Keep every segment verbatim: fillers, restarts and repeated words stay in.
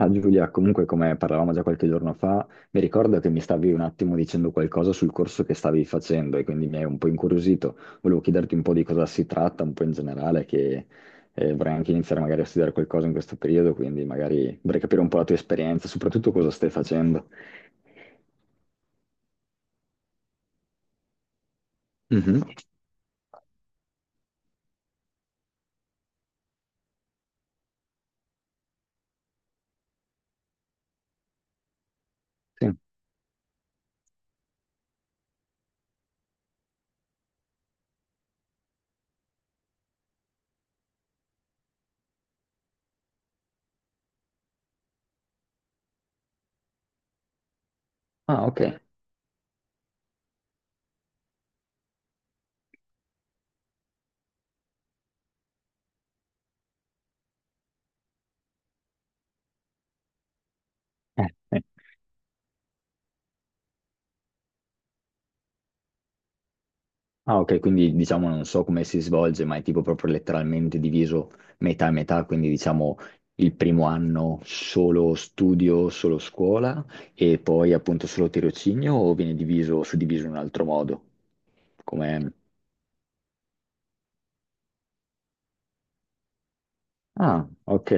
Ah, Giulia, comunque come parlavamo già qualche giorno fa, mi ricordo che mi stavi un attimo dicendo qualcosa sul corso che stavi facendo e quindi mi hai un po' incuriosito. Volevo chiederti un po' di cosa si tratta, un po' in generale, che eh, vorrei anche iniziare magari a studiare qualcosa in questo periodo, quindi magari vorrei capire un po' la tua esperienza, soprattutto cosa stai facendo. Mhm, sì. Ah, ok. Eh, eh. Ah, ok, quindi diciamo non so come si svolge, ma è tipo proprio letteralmente diviso metà e metà, quindi diciamo il primo anno solo studio, solo scuola e poi appunto solo tirocinio o viene diviso, suddiviso in un altro modo? Come? Ah, ok.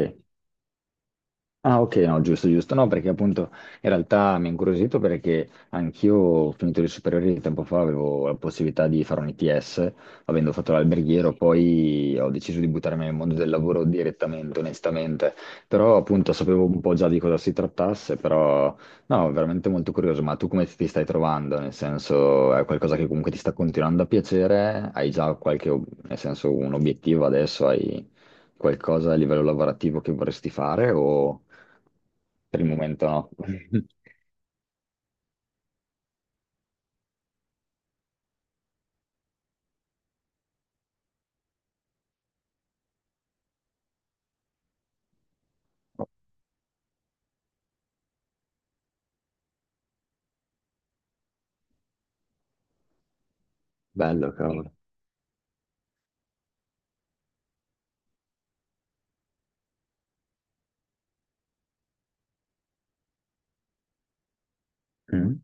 Ah, ok, no, giusto, giusto. No, perché appunto in realtà mi ha incuriosito perché anch'io, ho finito le superiori tempo fa, avevo la possibilità di fare un I T S, avendo fatto l'alberghiero, poi ho deciso di buttarmi nel mondo del lavoro direttamente, onestamente. Però appunto sapevo un po' già di cosa si trattasse, però no, veramente molto curioso. Ma tu come ti stai trovando? Nel senso, è qualcosa che comunque ti sta continuando a piacere? Hai già qualche, ob- nel senso, un obiettivo adesso? Hai qualcosa a livello lavorativo che vorresti fare o? Per il momento no. Bello, cavolo. Mm.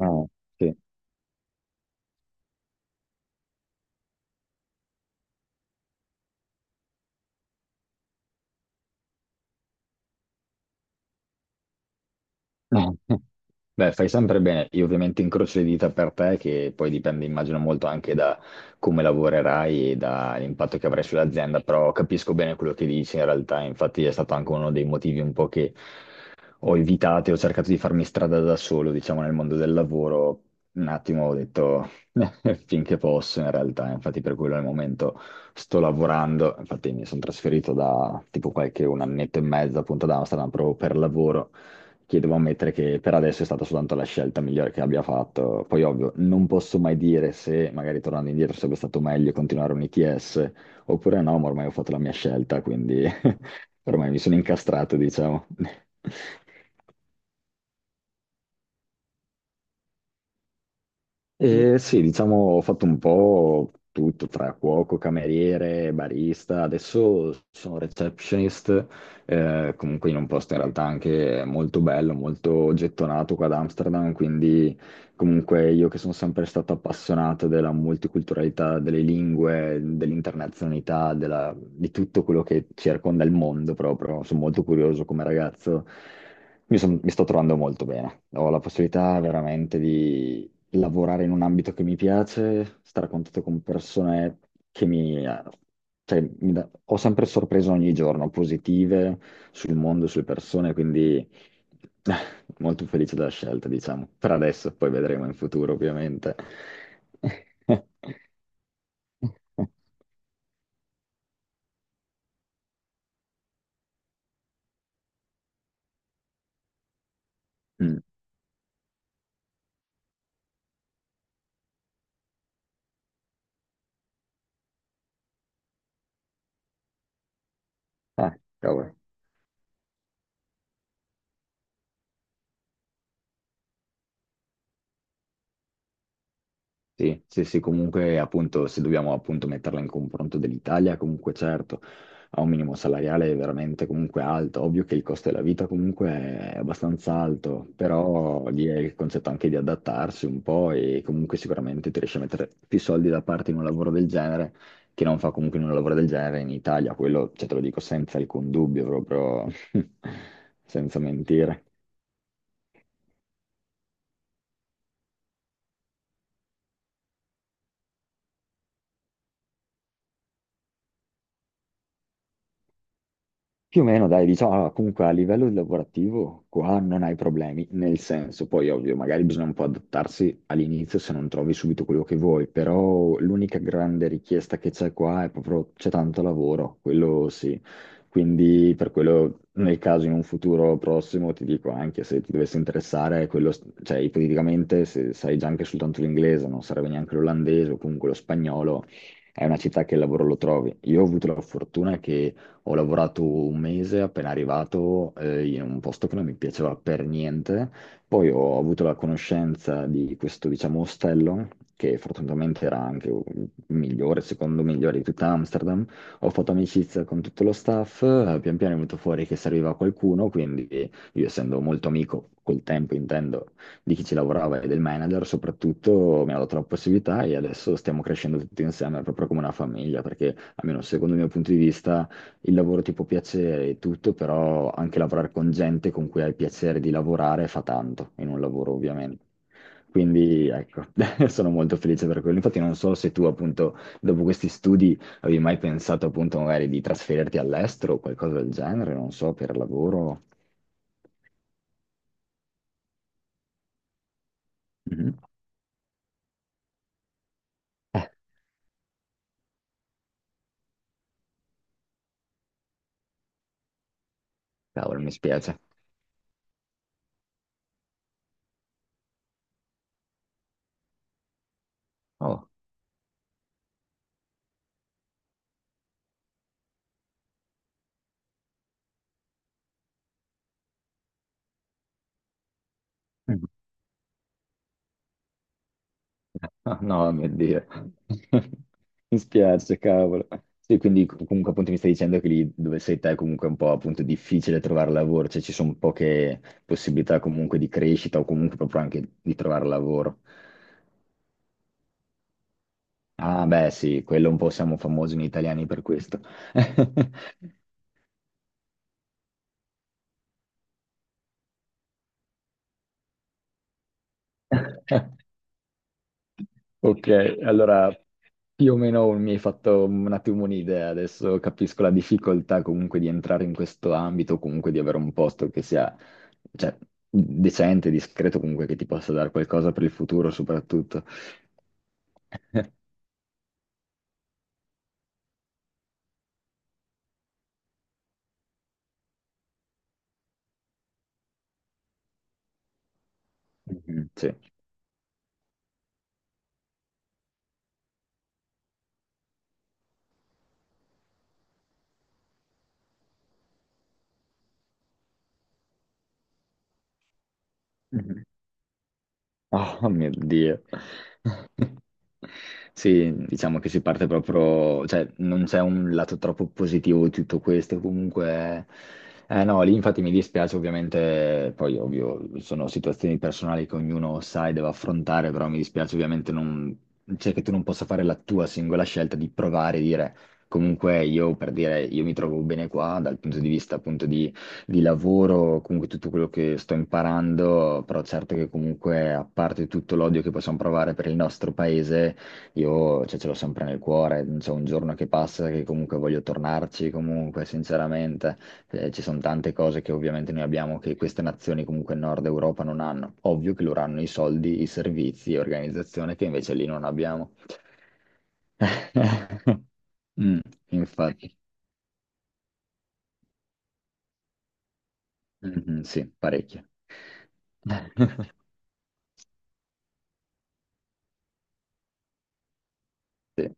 Ah, sì. Beh, fai sempre bene. Io ovviamente incrocio le dita per te, che poi dipende, immagino, molto anche da come lavorerai e dall'impatto che avrai sull'azienda, però capisco bene quello che dici in realtà. Infatti è stato anche uno dei motivi un po' che ho evitate, ho cercato di farmi strada da solo, diciamo, nel mondo del lavoro. Un attimo ho detto finché posso, in realtà, infatti per quello al momento sto lavorando, infatti mi sono trasferito da tipo qualche un annetto e mezzo appunto ad Amsterdam proprio per lavoro, che devo ammettere che per adesso è stata soltanto la scelta migliore che abbia fatto. Poi ovvio, non posso mai dire se magari tornando indietro sarebbe stato meglio continuare un I T S oppure no, ma ormai ho fatto la mia scelta, quindi ormai mi sono incastrato, diciamo. E sì, diciamo, ho fatto un po' tutto tra cuoco, cameriere, barista. Adesso sono receptionist, eh, comunque in un posto in realtà anche molto bello, molto gettonato qua ad Amsterdam. Quindi, comunque, io che sono sempre stato appassionato della multiculturalità, delle lingue, dell'internazionalità, della- di tutto quello che circonda il mondo proprio. Sono molto curioso come ragazzo. Mi, son- mi sto trovando molto bene. Ho la possibilità veramente lavorare in un ambito che mi piace, stare a contatto con persone che mi. Cioè, mi da- ho sempre sorpreso ogni giorno, positive sul mondo, sulle persone, quindi eh, molto felice della scelta, diciamo. Per adesso, poi vedremo in futuro, ovviamente. Mm. Ah, cavolo. Sì, sì, sì, comunque appunto se dobbiamo appunto metterla in confronto dell'Italia, comunque certo ha un minimo salariale veramente comunque alto, ovvio che il costo della vita comunque è abbastanza alto, però lì è il concetto anche di adattarsi un po' e comunque sicuramente ti riesci a mettere più soldi da parte in un lavoro del genere che non fa comunque in un lavoro del genere in Italia, quello cioè, te lo dico senza alcun dubbio, proprio senza mentire. Più o meno, dai, diciamo, allora, comunque a livello lavorativo qua non hai problemi, nel senso, poi ovvio, magari bisogna un po' adattarsi all'inizio se non trovi subito quello che vuoi, però l'unica grande richiesta che c'è qua è proprio c'è tanto lavoro, quello sì. Quindi per quello, nel caso in un futuro prossimo, ti dico anche se ti dovesse interessare, quello, cioè ipoteticamente se sai già anche soltanto l'inglese, non sarebbe neanche l'olandese o comunque lo spagnolo, è una città che il lavoro lo trovi. Io ho avuto la fortuna che ho lavorato un mese appena arrivato eh, in un posto che non mi piaceva per niente. Poi ho avuto la conoscenza di questo, diciamo, ostello, che fortunatamente era anche il migliore, secondo migliore di tutta Amsterdam. Ho fatto amicizia con tutto lo staff, eh, pian piano è venuto fuori che serviva qualcuno, quindi io essendo molto amico col tempo, intendo, di chi ci lavorava e del manager, soprattutto mi ha dato la possibilità e adesso stiamo crescendo tutti insieme, proprio come una famiglia, perché almeno secondo il mio punto di vista il lavoro ti può piacere e tutto, però anche lavorare con gente con cui hai piacere di lavorare fa tanto in un lavoro, ovviamente. Quindi ecco, sono molto felice per quello. Infatti non so se tu appunto dopo questi studi avevi mai pensato appunto magari di trasferirti all'estero o qualcosa del genere, non so, per lavoro. Mhm. Eh, Cavolo, mi spiace. Oh. Ah, no, mio Dio. Mi spiace, cavolo. Sì, quindi com- comunque appunto mi stai dicendo che lì dove sei te è comunque un po' appunto difficile trovare lavoro, cioè ci sono poche possibilità comunque di crescita o comunque proprio anche di trovare lavoro. Ah, beh, sì, quello un po' siamo famosi noi italiani per questo. Ok, allora più o meno mi hai fatto un attimo un'idea, adesso capisco la difficoltà comunque di entrare in questo ambito, comunque di avere un posto che sia, cioè, decente, discreto, comunque che ti possa dare qualcosa per il futuro soprattutto. Mhm, sì. Oh mio Dio. Sì, diciamo che si parte proprio, cioè non c'è un lato troppo positivo di tutto questo, comunque, eh no, lì infatti mi dispiace ovviamente, poi ovvio sono situazioni personali che ognuno sa e deve affrontare, però mi dispiace ovviamente non, cioè che tu non possa fare la tua singola scelta di provare e dire comunque io per dire io mi trovo bene qua dal punto di vista appunto di lavoro, comunque tutto quello che sto imparando, però certo che comunque a parte tutto l'odio che possiamo provare per il nostro paese, io cioè, ce l'ho sempre nel cuore, non c'è un giorno che passa che comunque voglio tornarci, comunque sinceramente eh, ci sono tante cose che ovviamente noi abbiamo che queste nazioni comunque in Nord Europa non hanno. Ovvio che loro hanno i soldi, i servizi e organizzazione che invece lì non abbiamo. Mm, infatti. Mhm, sì, parecchio. Sì.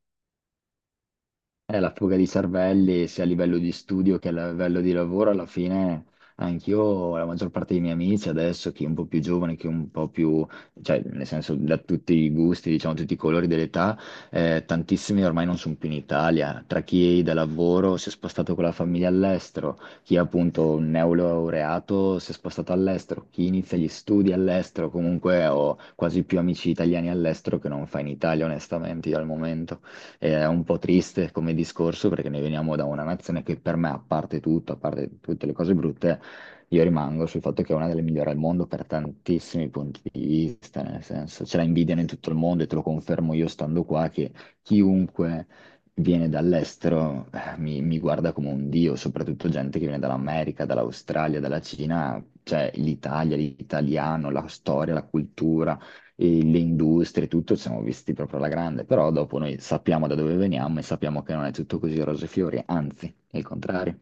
È la fuga di cervelli sia a livello di studio che a livello di lavoro, alla fine anch'io, la maggior parte dei miei amici adesso, chi è un po' più giovane, chi è un po' più, cioè nel senso da tutti i gusti, diciamo tutti i colori dell'età, eh, tantissimi ormai non sono più in Italia, tra chi da lavoro si è spostato con la famiglia all'estero, chi è appunto un neolaureato si è spostato all'estero, chi inizia gli studi all'estero, comunque ho quasi più amici italiani all'estero che non fa in Italia, onestamente, io al momento. È un po' triste come discorso perché noi veniamo da una nazione che per me, a parte tutto, a parte tutte le cose brutte, io rimango sul fatto che è una delle migliori al mondo per tantissimi punti di vista, nel senso ce la invidiano in tutto il mondo e te lo confermo io stando qua che chiunque viene dall'estero eh, mi, mi guarda come un dio, soprattutto gente che viene dall'America, dall'Australia, dalla Cina, cioè l'Italia, l'italiano, la storia, la cultura e le industrie, tutto, siamo visti proprio alla grande, però dopo noi sappiamo da dove veniamo e sappiamo che non è tutto così rose e fiori, anzi, è il contrario.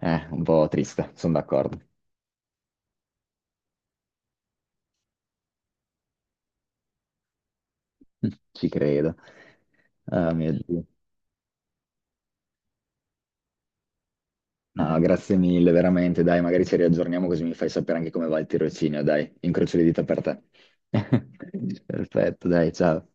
Eh, un po' triste, sono d'accordo, ci credo. Ah, mio Dio. No, grazie mille, veramente, dai, magari ci riaggiorniamo così mi fai sapere anche come va il tirocinio, dai, incrocio le dita per te. Perfetto, dai, ciao.